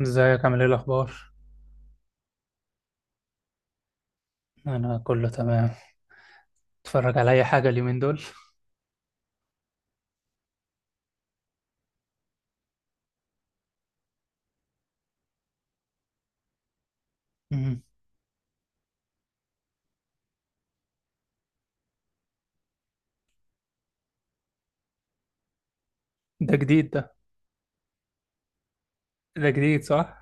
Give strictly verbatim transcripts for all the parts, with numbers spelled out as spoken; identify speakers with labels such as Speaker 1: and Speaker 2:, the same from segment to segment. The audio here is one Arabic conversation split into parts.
Speaker 1: ازيك، عامل ايه الاخبار؟ انا كله تمام. اتفرج على اي حاجه اليومين دول؟ مم. ده جديد ده. ده جديد صح؟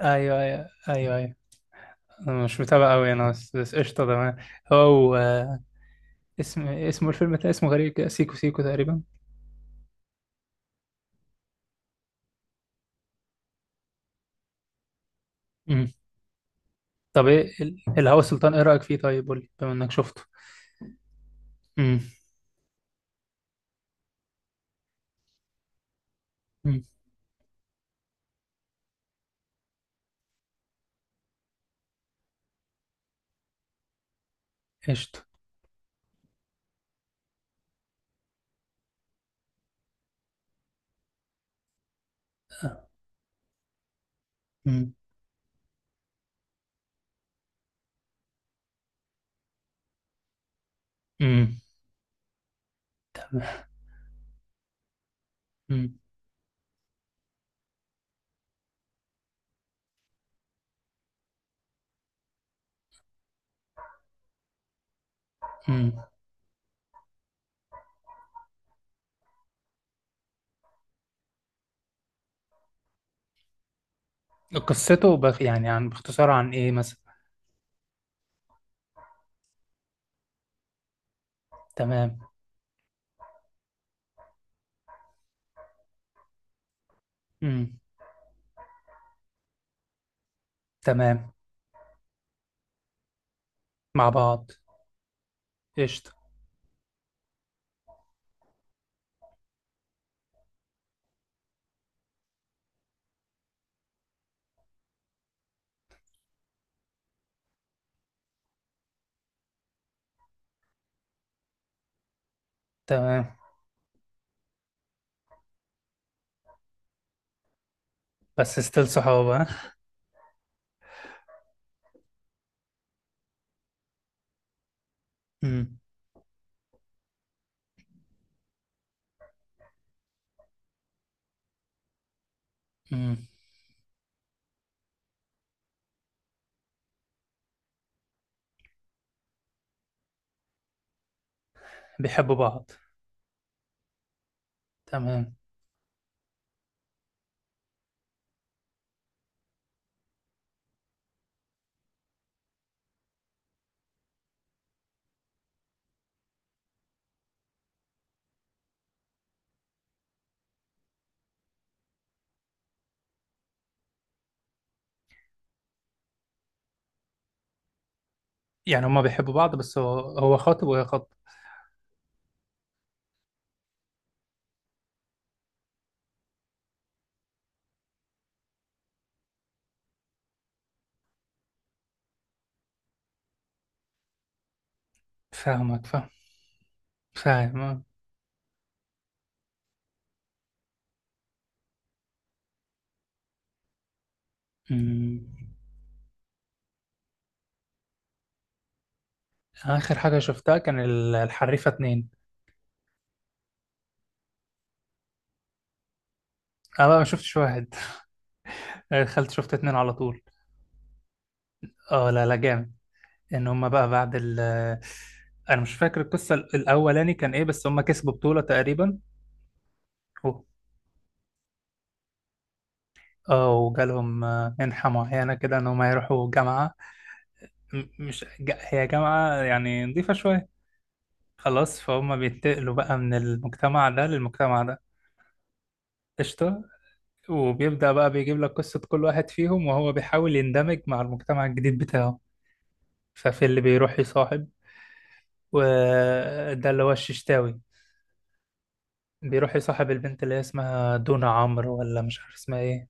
Speaker 1: ايوه، ايوه، ايوه، ايوه. انا مش متابع قوي، انا بس بس قشطه، تمام. هو آه، اسم اسمه الفيلم ده اسمه غريب كده، سيكو سيكو تقريبا. مم. طب ايه ال- الهوى سلطان، ايه رايك فيه؟ طيب قول لي بما انك شفته. مم. مم. قشطه. مم. مم. مم. مم. قصته بخ يعني، عن، باختصار، عن ايه مثلا؟ تمام. مم. تمام. مع بعض. قشطه. تمام. بس ستيل صحاب، ها؟ امم، امم. بيحبوا بعض. تمام. يعني هما بيحبوا بعض، بس هو هو خاطب وهي خاطبة. فاهمك، فاهم. فاهم. آه. أمم. آخر حاجة شفتها كان ال- الحريفة اتنين. أنا بقى ما شفتش واحد. دخلت شفت اتنين على طول. اه، لا، لا، جامد. إن هما بقى بعد ال أنا مش فاكر القصة الأولاني كان إيه، بس هما كسبوا بطولة تقريبا. و- اه، وجالهم آه، منحة معينة كده، إن هما يروحوا جامعة. م- مش ج- هي جامعة يعني نظيفة شوية. خلاص، فهم بينتقلوا بقى من المجتمع ده للمجتمع ده. قشطة. وبيبدأ بقى بيجيب لك قصة كل واحد فيهم، وهو بيحاول يندمج مع المجتمع الجديد بتاعه. ففي اللي بيروح يصاحب، وده اللي هو الششتاوي، بيروح يصاحب البنت اللي هي اسمها دونا عمرو، ولا مش عارف اسمها ايه.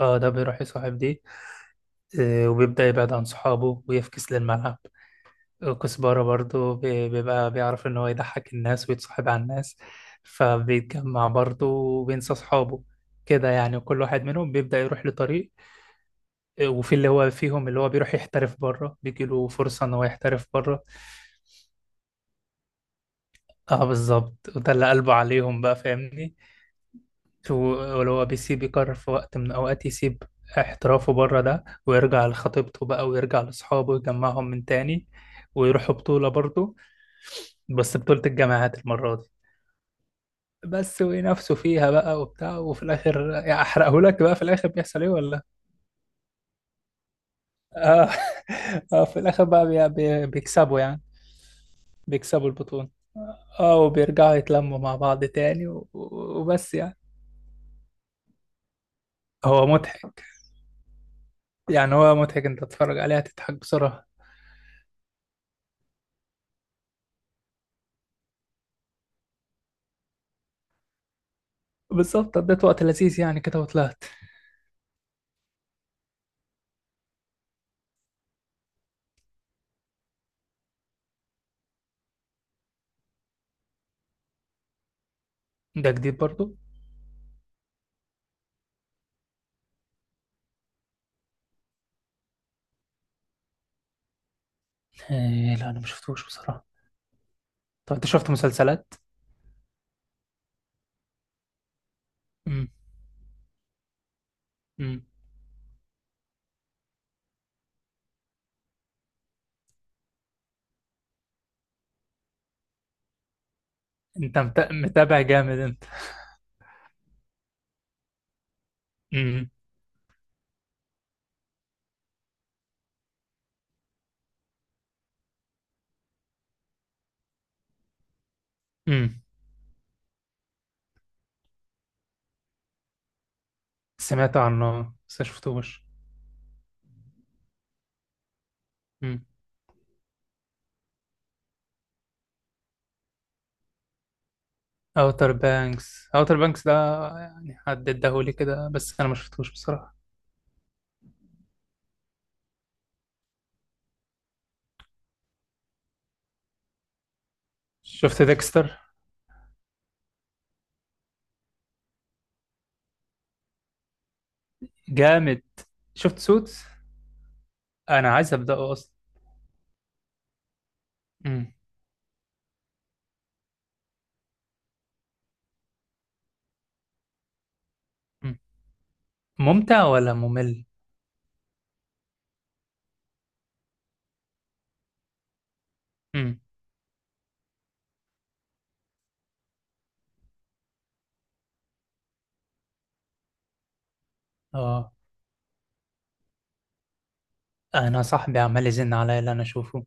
Speaker 1: اه، ده بيروح يصاحب دي. آه، وبيبدأ يبعد عن صحابه ويفكس للملعب. وكزبرة برضو بي- بيبقى بيعرف إن هو يضحك الناس ويتصاحب على الناس. فبيتجمع برضو، وبينسى أصحابه كده يعني. وكل واحد منهم بيبدأ يروح لطريق. وفي اللي هو فيهم، اللي هو بيروح يحترف بره، بيجيله فرصة إن هو يحترف بره. اه، بالظبط. وده اللي قلبه عليهم بقى، فاهمني؟ و- ولو هو بيسيب، يقرر في وقت من الأوقات يسيب احترافه بره ده، ويرجع لخطيبته بقى، ويرجع لأصحابه ويجمعهم من تاني. ويروحوا بطولة برضه، بس بطولة الجامعات المرة دي. بس وينافسوا فيها بقى، وبتاع. وفي الاخر يعني، احرقه لك بقى؟ في الاخر بيحصل ايه ولا؟ اه، آه في الاخر بقى بي... بي... بيكسبوا يعني، بيكسبوا البطولة. اه، وبيرجعوا يتلموا مع بعض تاني، و... و- وبس يعني. هو مضحك. يعني هو مضحك، انت تتفرج عليه هتضحك بسرعة. بالظبط، قضيت وقت لذيذ يعني كده وطلعت. ده جديد برضو؟ آه لا، انا ما شفتوش بصراحة. طب انت شفت مسلسلات؟ امم، امم. انت مت... متابع جامد انت. امم، امم. سمعت عنه بس ما شفتوش. اوتر بانكس، اوتر بانكس ده، يعني حد اداهولي كده بس انا ما شفتوش بصراحه. شفت ديكستر؟ جامد. شفت سوتس. انا عايز ابداه اصلا. مم. مم. ممتع ولا ممل؟ مم. اه. انا صاحبي عمال يزن عليا اللي انا اشوفه.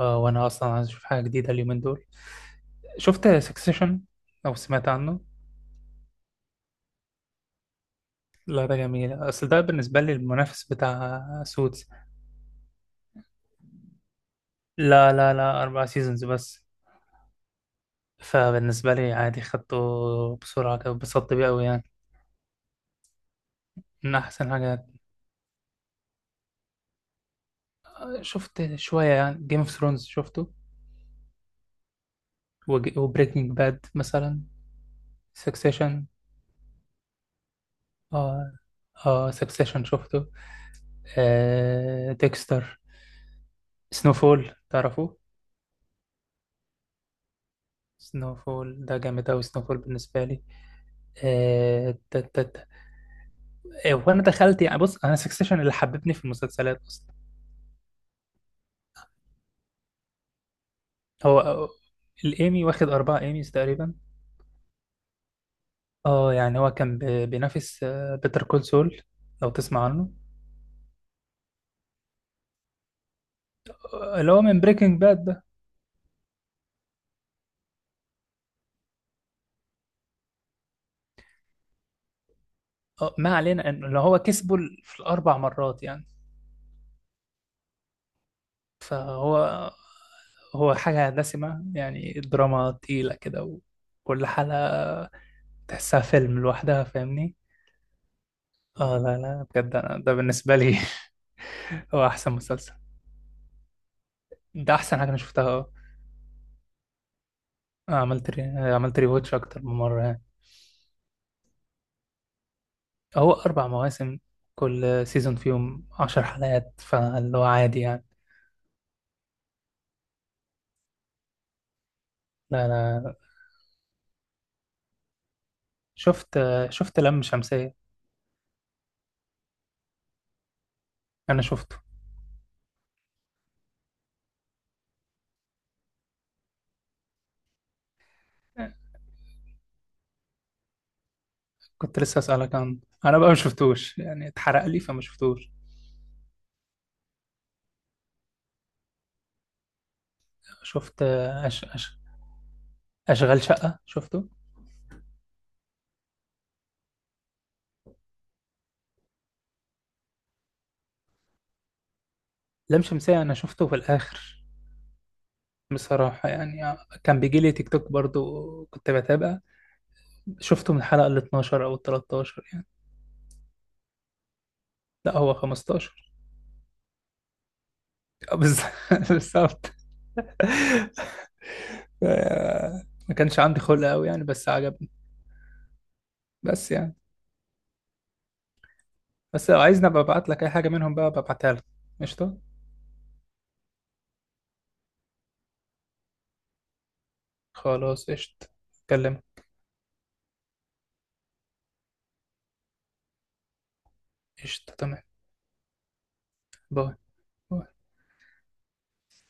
Speaker 1: اه، وانا اصلا عايز اشوف حاجه جديده اليومين دول. شفت سكسيشن، او سمعت عنه؟ لا، ده جميل، اصل ده بالنسبه لي المنافس بتاع سوتس. لا، لا، لا، اربع سيزونز بس. فبالنسبة لي عادي، خدته بسرعة كده، اتبسطت بيه أوي يعني. من أحسن حاجات شفت شوية يعني، جيم اوف ثرونز شفته، وبريكنج باد مثلا. سكسيشن. اه. اه، سكسيشن شفته. آه، ديكستر. سنوفول، تعرفوه؟ سنوفول ده جامد أوي، سنوفول بالنسبة لي. آه تا- تا- تا. آه، وأنا دخلت يعني، بص أنا سكسيشن اللي حببني في المسلسلات أصلا. هو الإيمي واخد أربعة إيميز تقريبا. اه، يعني هو كان بي- بينافس آه، بيتر كول سول، لو تسمع عنه. آه، اللي هو من بريكنج باد ده. آه، ما علينا، انه اللي هو كسبه في الاربع مرات يعني. فهو هو حاجة دسمة يعني، الدراما تقيلة كده. وكل حلقة تحسها فيلم لوحدها، فاهمني؟ اه، لا، لا، بجد أنا ده بالنسبة لي هو أحسن مسلسل. ده أحسن حاجة أنا شفتها، اه. عملت ري... عملت ريواتش أكتر من مرة. هو أربع مواسم، كل سيزون فيهم عشر حلقات، فاللي هو عادي يعني. لا، لا. شفت شفت لم شمسية؟ أنا شفته. كنت لسه أسألك عنه. أنا بقى ما شفتوش يعني، اتحرق لي فما شفتوش. شفت أش أش أشغال شقة شفته. لم شمسية أنا شفته في الآخر بصراحة يعني. كان بيجي لي تيك توك برضو كنت بتابع. شفته من الحلقة ال اتناشر أو ال تلتاشر يعني. لا هو خمسة عشر. بالظبط. آه، ما كانش عندي خلق قوي يعني بس عجبني. بس يعني، بس لو عايزني ابقى ابعت لك اي حاجه منهم بقى، ابقى ابعتها لك. قشطه. خلاص، قشطه. اكلمك. قشطه، تمام. باي.